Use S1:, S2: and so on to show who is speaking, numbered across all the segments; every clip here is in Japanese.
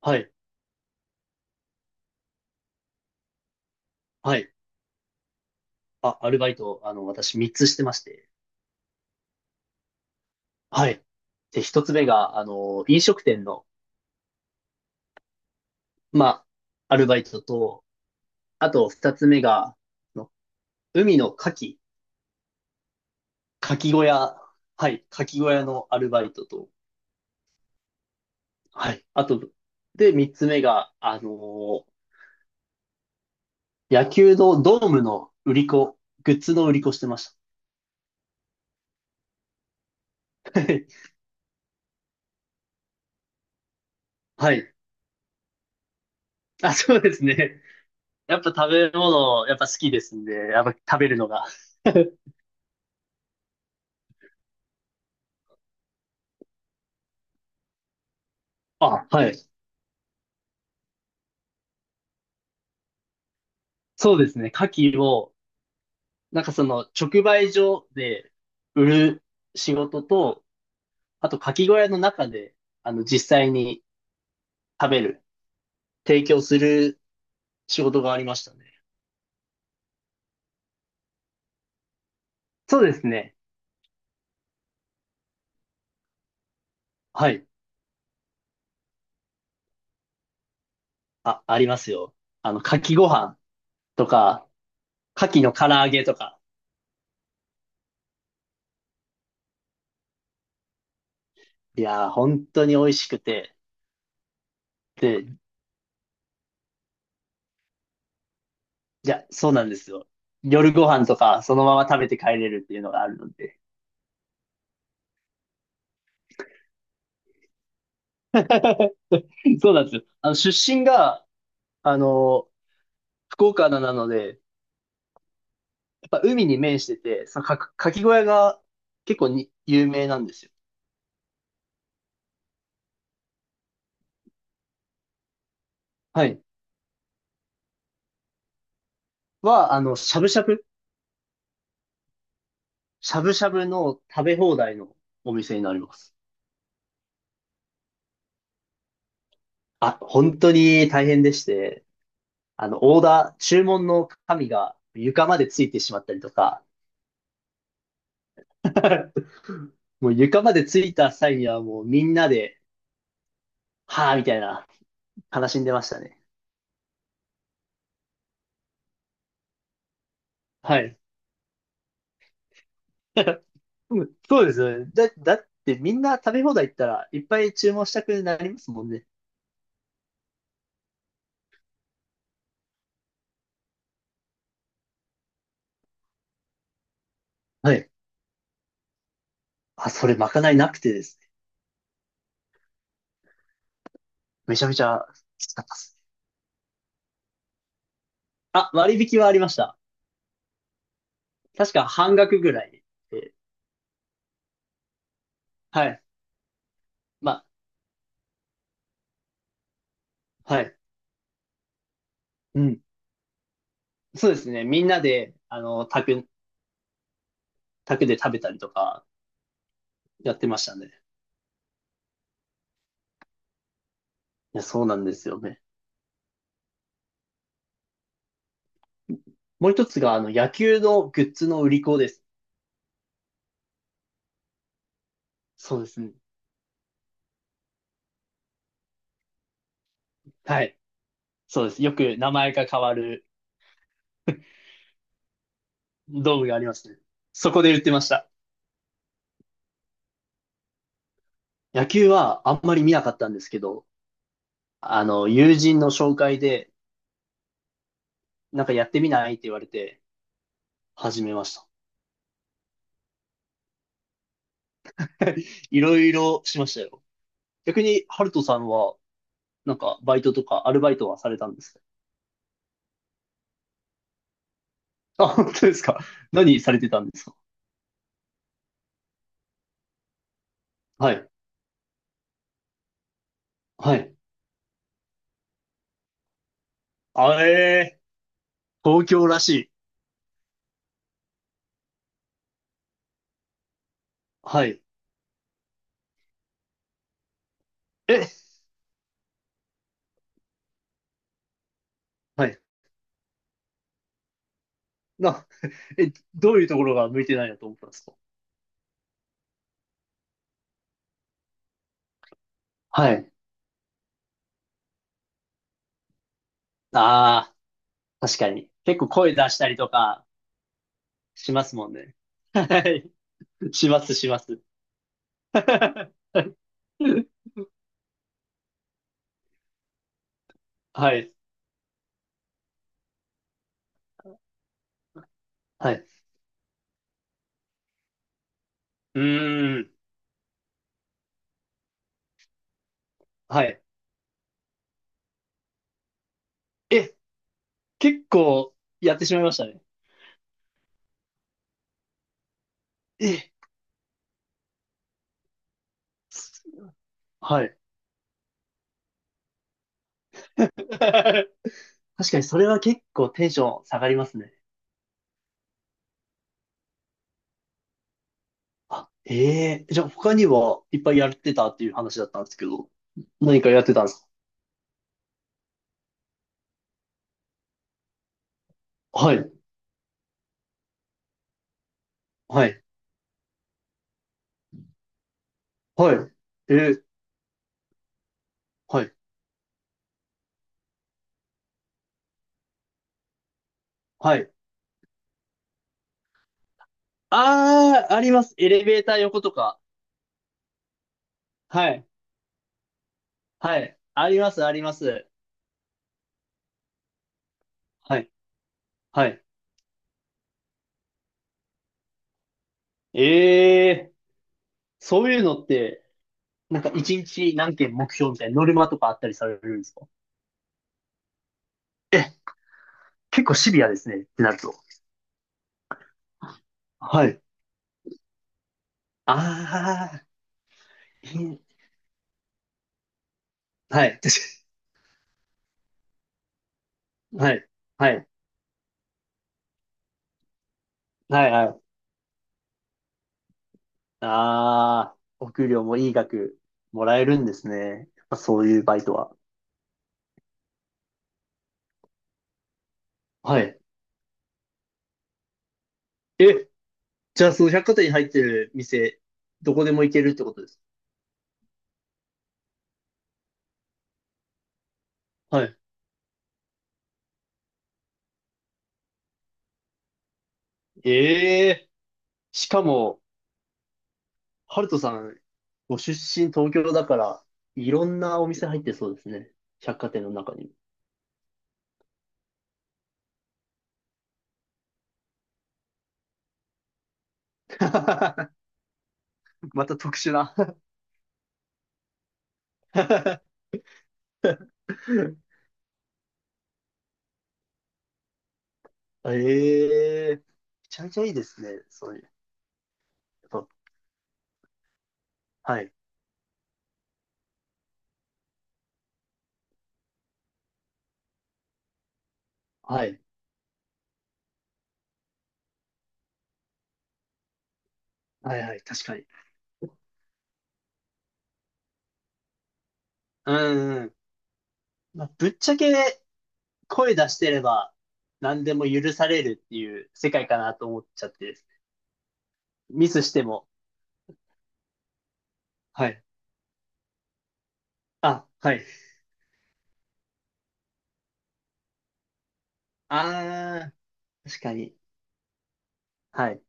S1: はい。はい。あ、アルバイト、私3つしてまして。はい。で、1つ目が、飲食店の、まアルバイトと、あと2つ目が、の海の牡蠣、牡蠣小屋、はい、牡蠣小屋のアルバイトと、はい。あと、で、3つ目が、野球のドームの売り子、グッズの売り子してました。はい。あ、そうですね。やっぱ食べ物、やっぱ好きですんで、やっぱ食べるのが。あ、はい。そうですね。牡蠣を、なんかその直売所で売る仕事と、あと牡蠣小屋の中で、実際に食べる、提供する仕事がありましたね。そうですね。はい。あ、ありますよ。牡蠣ご飯とか、牡蠣の唐揚げとか。いやー、本当に美味しくて。で、じゃ、そうなんですよ。夜ご飯とか、そのまま食べて帰れるっていうのがあるので。そうなんですよ。あの、出身が、あの、福岡なので、やっぱ海に面してて、かき小屋が結構に有名なんですよ。はい。は、あの、しゃぶしゃぶ、しゃぶしゃぶの食べ放題のお店になります。あ、本当に大変でして、あの、オーダー、注文の紙が床までついてしまったりとか、もう床までついた際にはもうみんなで、はぁ、みたいな、悲しんでましたね。はい。うんそうですよね。だってみんな食べ放題行ったらいっぱい注文したくなりますもんね。はい。あ、それまかないなくてですね。めちゃめちゃきつかったです。あ、割引はありました。確か半額ぐらいで。はい。まあ、はい。うん。そうですね。みんなで、宅で食べたりとかやってましたね。いや、そうなんですよね。もう一つが、野球のグッズの売り子です。そうですね。はい。そうです。よく名前が変わるドームがありますね。そこで売ってました。野球はあんまり見なかったんですけど、友人の紹介で、なんかやってみないって言われて、始めました。いろいろしましたよ。逆に、ハルトさんは、なんか、バイトとか、アルバイトはされたんですか？あ、本当ですか？何されてたんですか？はい。はい。あえー、東京らしい。はい。え、はい。な、え、どういうところが向いてないなと思ったんですか？はい。ああ、確かに。結構声出したりとかしますもんね。はい。します、します。はい。はい。うーん。はい。え、結構やってしまいましたね。え、す、はい。確かにそれは結構テンション下がりますね。あ、ええ、じゃあ他にはいっぱいやってたっていう話だったんですけど、何かやってたんですか？はい、はい、はい。えー、はい、はい。ああ、あります。エレベーター横とか。はい、はい。あります、あります。はい、はい。ええ、そういうのって、なんか一日何件目標みたいなノルマとかあったりされるんですか？結構シビアですね、ってなると。はい。ああ、いい、はい。確かに、はい。はい。はい。はい。ああ、お給料もいい額もらえるんですね。やっぱそういうバイトは。はい。え、じゃあその百貨店に入ってる店、どこでも行けるってことです。はい。ええ、しかも、ハルトさん、ご出身東京だから、いろんなお店入ってそうですね。百貨店の中に。また特殊な ええ、めちゃめちゃいいですね。そういう。やっぱ、はい。はい。はいはい。確かに。うんうん。まあ、ぶっちゃけ声出してれば何でも許されるっていう世界かなと思っちゃってです。ミスしても。はい。あ、はい。あー、確かに。はい。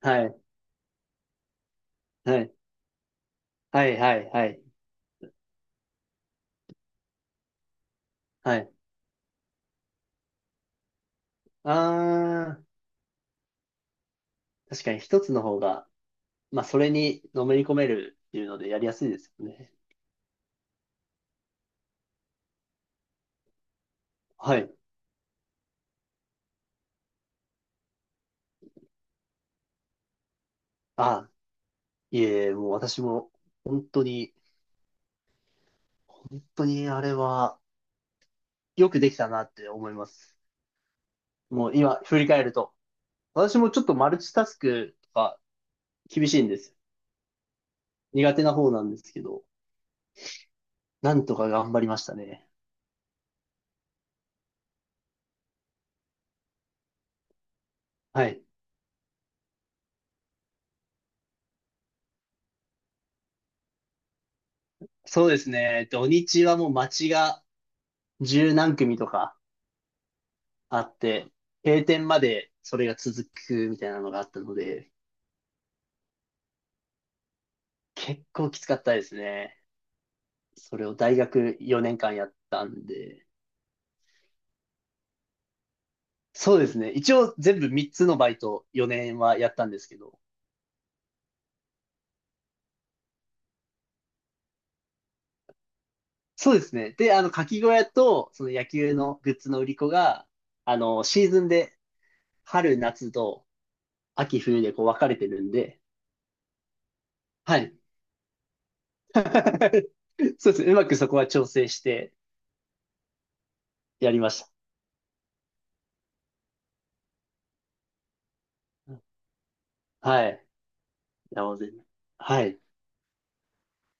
S1: はい。はい。はい。はい。はい。はい。あー、確かに一つの方が、まあ、それにのめり込めるっていうのでやりやすいですよね。はい。あ、いえ、もう私も本当に、本当にあれはよくできたなって思います。もう今振り返ると。私もちょっとマルチタスクとか厳しいんですよ。苦手な方なんですけど、なんとか頑張りましたね。はい。そうですね。土日はもう街が十何組とかあって、閉店までそれが続くみたいなのがあったので、結構きつかったですね。それを大学4年間やったんで、そうですね。一応全部3つのバイト4年はやったんですけど。そうですね。で、かき小屋と、その野球のグッズの売り子が、シーズンで春、夏と秋、冬でこう分かれてるんで、はい。そうですね。うまくそこは調整してやりました。はい。いや、もう全然。はい。